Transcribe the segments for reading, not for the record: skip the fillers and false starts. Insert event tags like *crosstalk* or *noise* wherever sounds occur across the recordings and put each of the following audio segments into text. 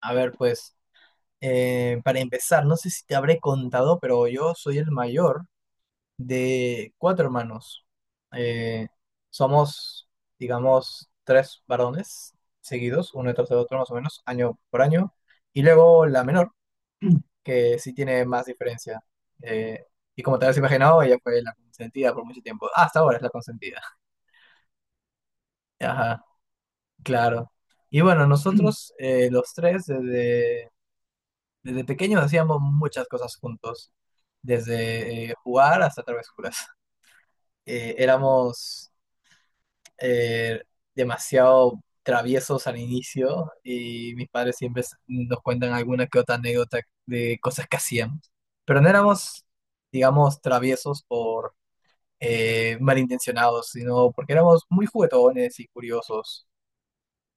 A ver, pues, para empezar, no sé si te habré contado, pero yo soy el mayor de cuatro hermanos. Eh, Somos, digamos, tres varones seguidos, uno detrás de otro más o menos, año por año. Y luego la menor, *clears throat* que sí tiene más diferencia. Eh, y como te habrás imaginado, ella fue la consentida por mucho tiempo. Ah, hasta ahora es la consentida. *laughs* Ajá, claro. Y bueno, nosotros, *clears throat* los tres, desde pequeños hacíamos muchas cosas juntos, desde jugar hasta travesuras. *laughs* Éramos eh, demasiado traviesos al inicio, y mis padres siempre nos cuentan alguna que otra anécdota de cosas que hacíamos. Pero no éramos, digamos, traviesos por malintencionados, sino porque éramos muy juguetones y curiosos.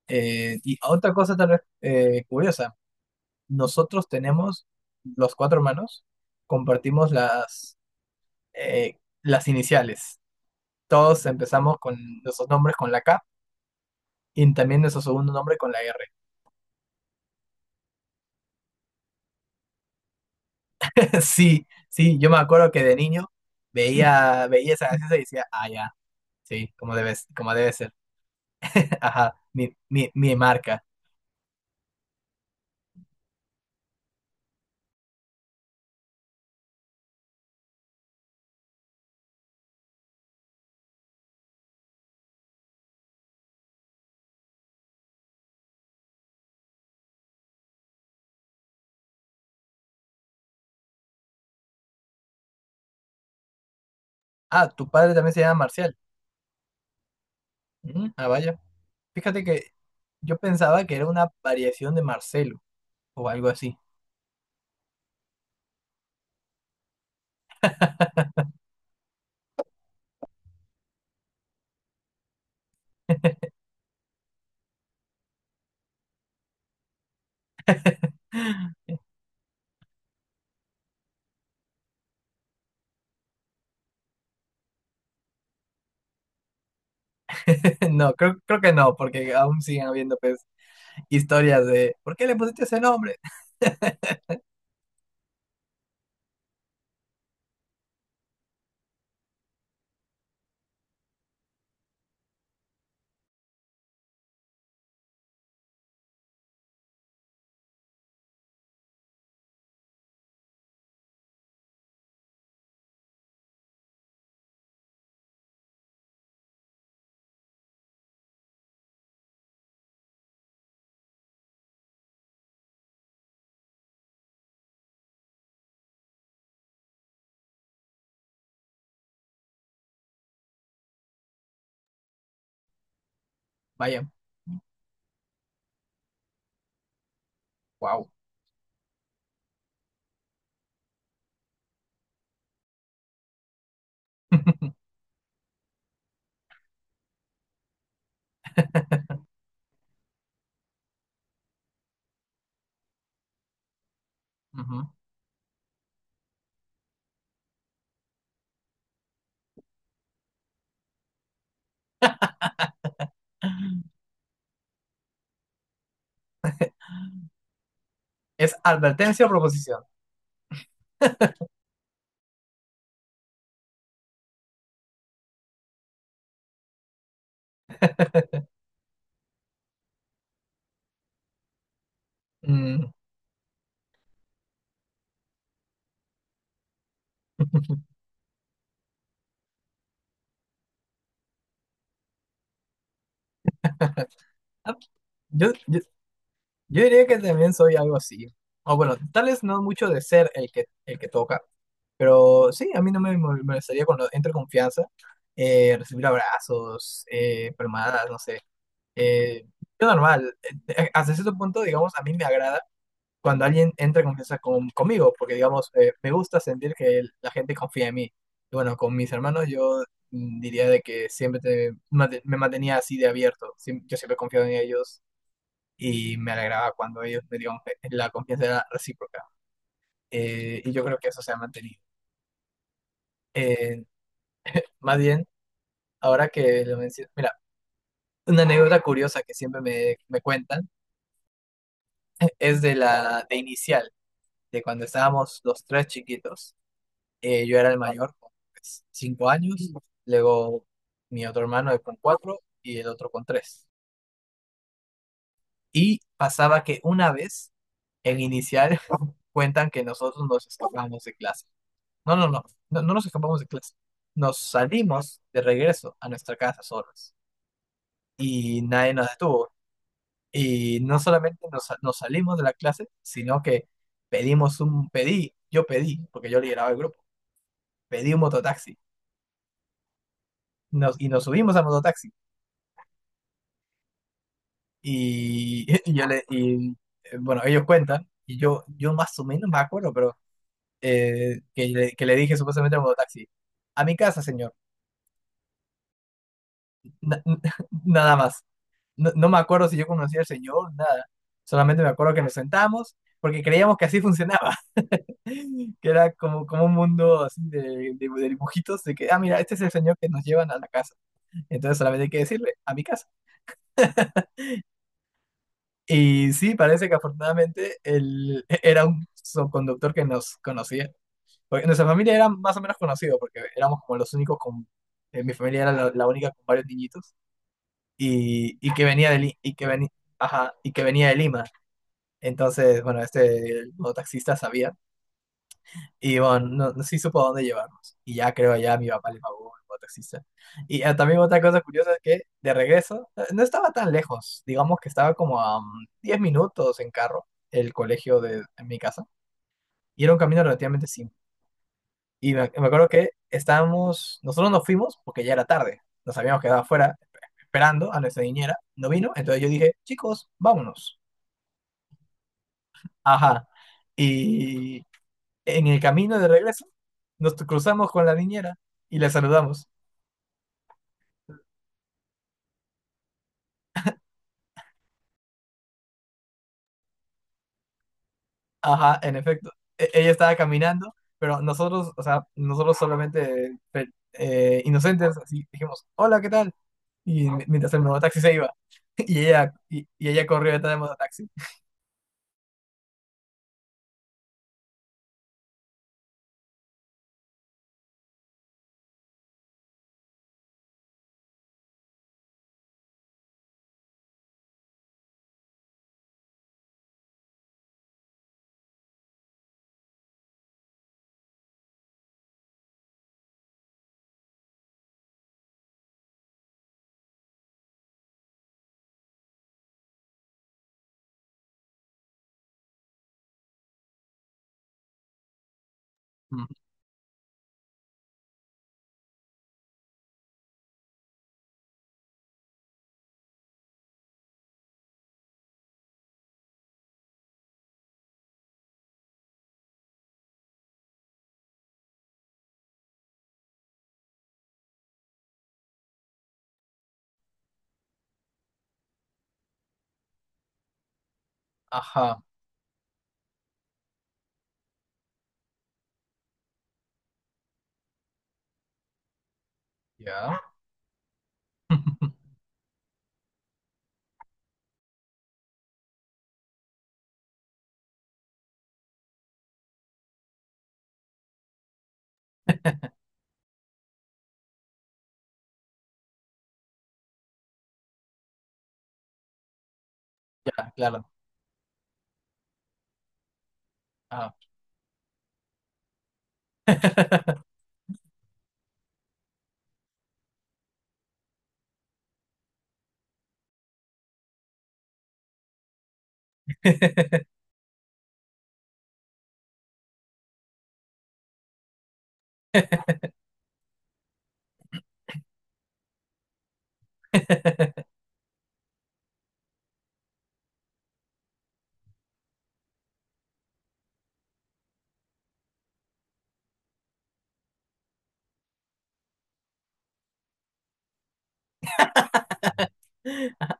Y otra cosa tal vez curiosa. Nosotros tenemos, los cuatro hermanos, compartimos las iniciales. Todos empezamos con nuestros nombres con la K, y también nuestro segundo nombre con la R. *laughs* Sí, sí, yo me acuerdo que de niño veía esa gaseosa y decía, ah, ya, sí, como debe ser. *laughs* Ajá, mi marca. Ah, tu padre también se llama Marcial. Mm, ah, vaya. Fíjate que yo pensaba que era una variación de Marcelo o algo así. *laughs* *laughs* No, creo, creo que no, porque aún siguen habiendo pues, historias de ¿por qué le pusiste ese nombre? Vaya, wow. *laughs* Ujú. ¿Es advertencia o proposición? Mm. *laughs* Ah, Yo, yo, yo diría que también soy algo así. O bueno, tal vez no mucho de ser el que toca, pero sí, a mí no me molestaría cuando entre confianza, recibir abrazos, palmadas, no sé. Eh, yo normal, hasta cierto punto, digamos, a mí me agrada cuando alguien entra en confianza conmigo, porque digamos, me gusta sentir que la gente confía en mí. Y bueno, con mis hermanos yo, diría de que siempre me mantenía así de abierto. Yo siempre confiaba en ellos, y me alegraba cuando ellos me dieron la confianza era recíproca. Y yo creo que eso se ha mantenido. Eh, Más bien, ahora que lo menciono, mira, una anécdota curiosa que siempre me cuentan es de la de inicial, de cuando estábamos los tres chiquitos. Yo era el mayor con pues, cinco años, luego mi otro hermano con cuatro y el otro con tres. Y pasaba que una vez en inicial *laughs* cuentan que nosotros nos escapamos de clase. No, no, no, no, no nos escapamos de clase. Nos salimos de regreso a nuestra casa solos y nadie nos detuvo. Y no solamente nos salimos de la clase, sino que yo pedí, porque yo lideraba el grupo, pedí un mototaxi, y nos subimos al mototaxi. Y *laughs* bueno, ellos cuentan, y yo más o menos me acuerdo, pero que le dije supuestamente al mototaxi, a mi casa, señor. Na- *laughs* Nada más. No, no me acuerdo si yo conocía al señor, nada. Solamente me acuerdo que nos sentamos porque creíamos que así funcionaba, *laughs* que era como, como un mundo así de dibujitos, de que, ah, mira, este es el señor que nos llevan a la casa. Entonces solamente hay que decirle, a mi casa. Y sí, parece que afortunadamente él *laughs* era un conductor que nos conocía. Porque en nuestra familia era más o menos conocido, porque éramos como los únicos con... mi familia era la única con varios niñitos y que venía de, ajá, y que venía de Lima. Entonces, bueno, este el mototaxista sabía, y bueno, no, no sí supo a dónde llevarnos. Y ya creo, ya mi papá le pagó al mototaxista. Y ah, también otra cosa curiosa es que de regreso no estaba tan lejos, digamos que estaba como a 10 minutos en carro el colegio en mi casa, y era un camino relativamente simple. Y me acuerdo que estábamos, nosotros nos fuimos porque ya era tarde, nos habíamos quedado afuera esperando a nuestra niñera, no vino, entonces yo dije, chicos, vámonos. Ajá. Y en el camino de regreso nos cruzamos con la niñera y le saludamos. Ajá, en efecto. Ella estaba caminando, pero nosotros, o sea, nosotros solamente inocentes, así dijimos, hola, ¿qué tal? Mientras el mototaxi se iba. *laughs* Y ella, y ella corrió detrás del mototaxi. Ujú. Ajá, ya. *laughs* Ya, claro. Ah. *laughs*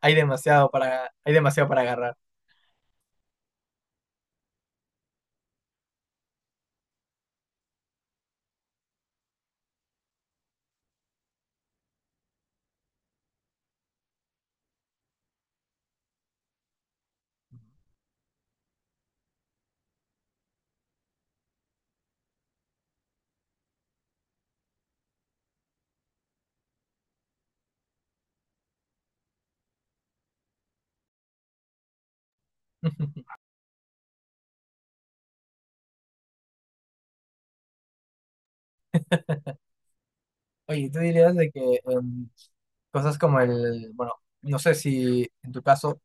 Hay demasiado para agarrar. *laughs* Oye, ¿tú dirías de que cosas como el, bueno, no sé si en tu caso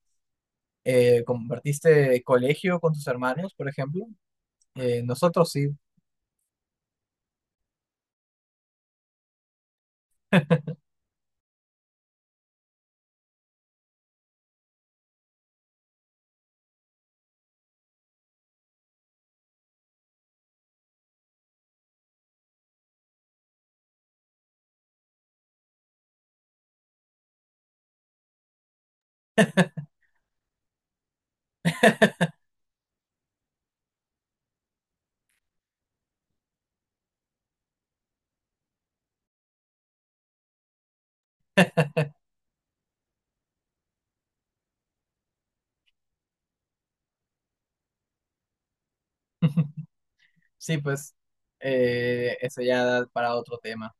compartiste colegio con tus hermanos, por ejemplo? Nosotros sí, sí, pues, eso ya da para otro tema.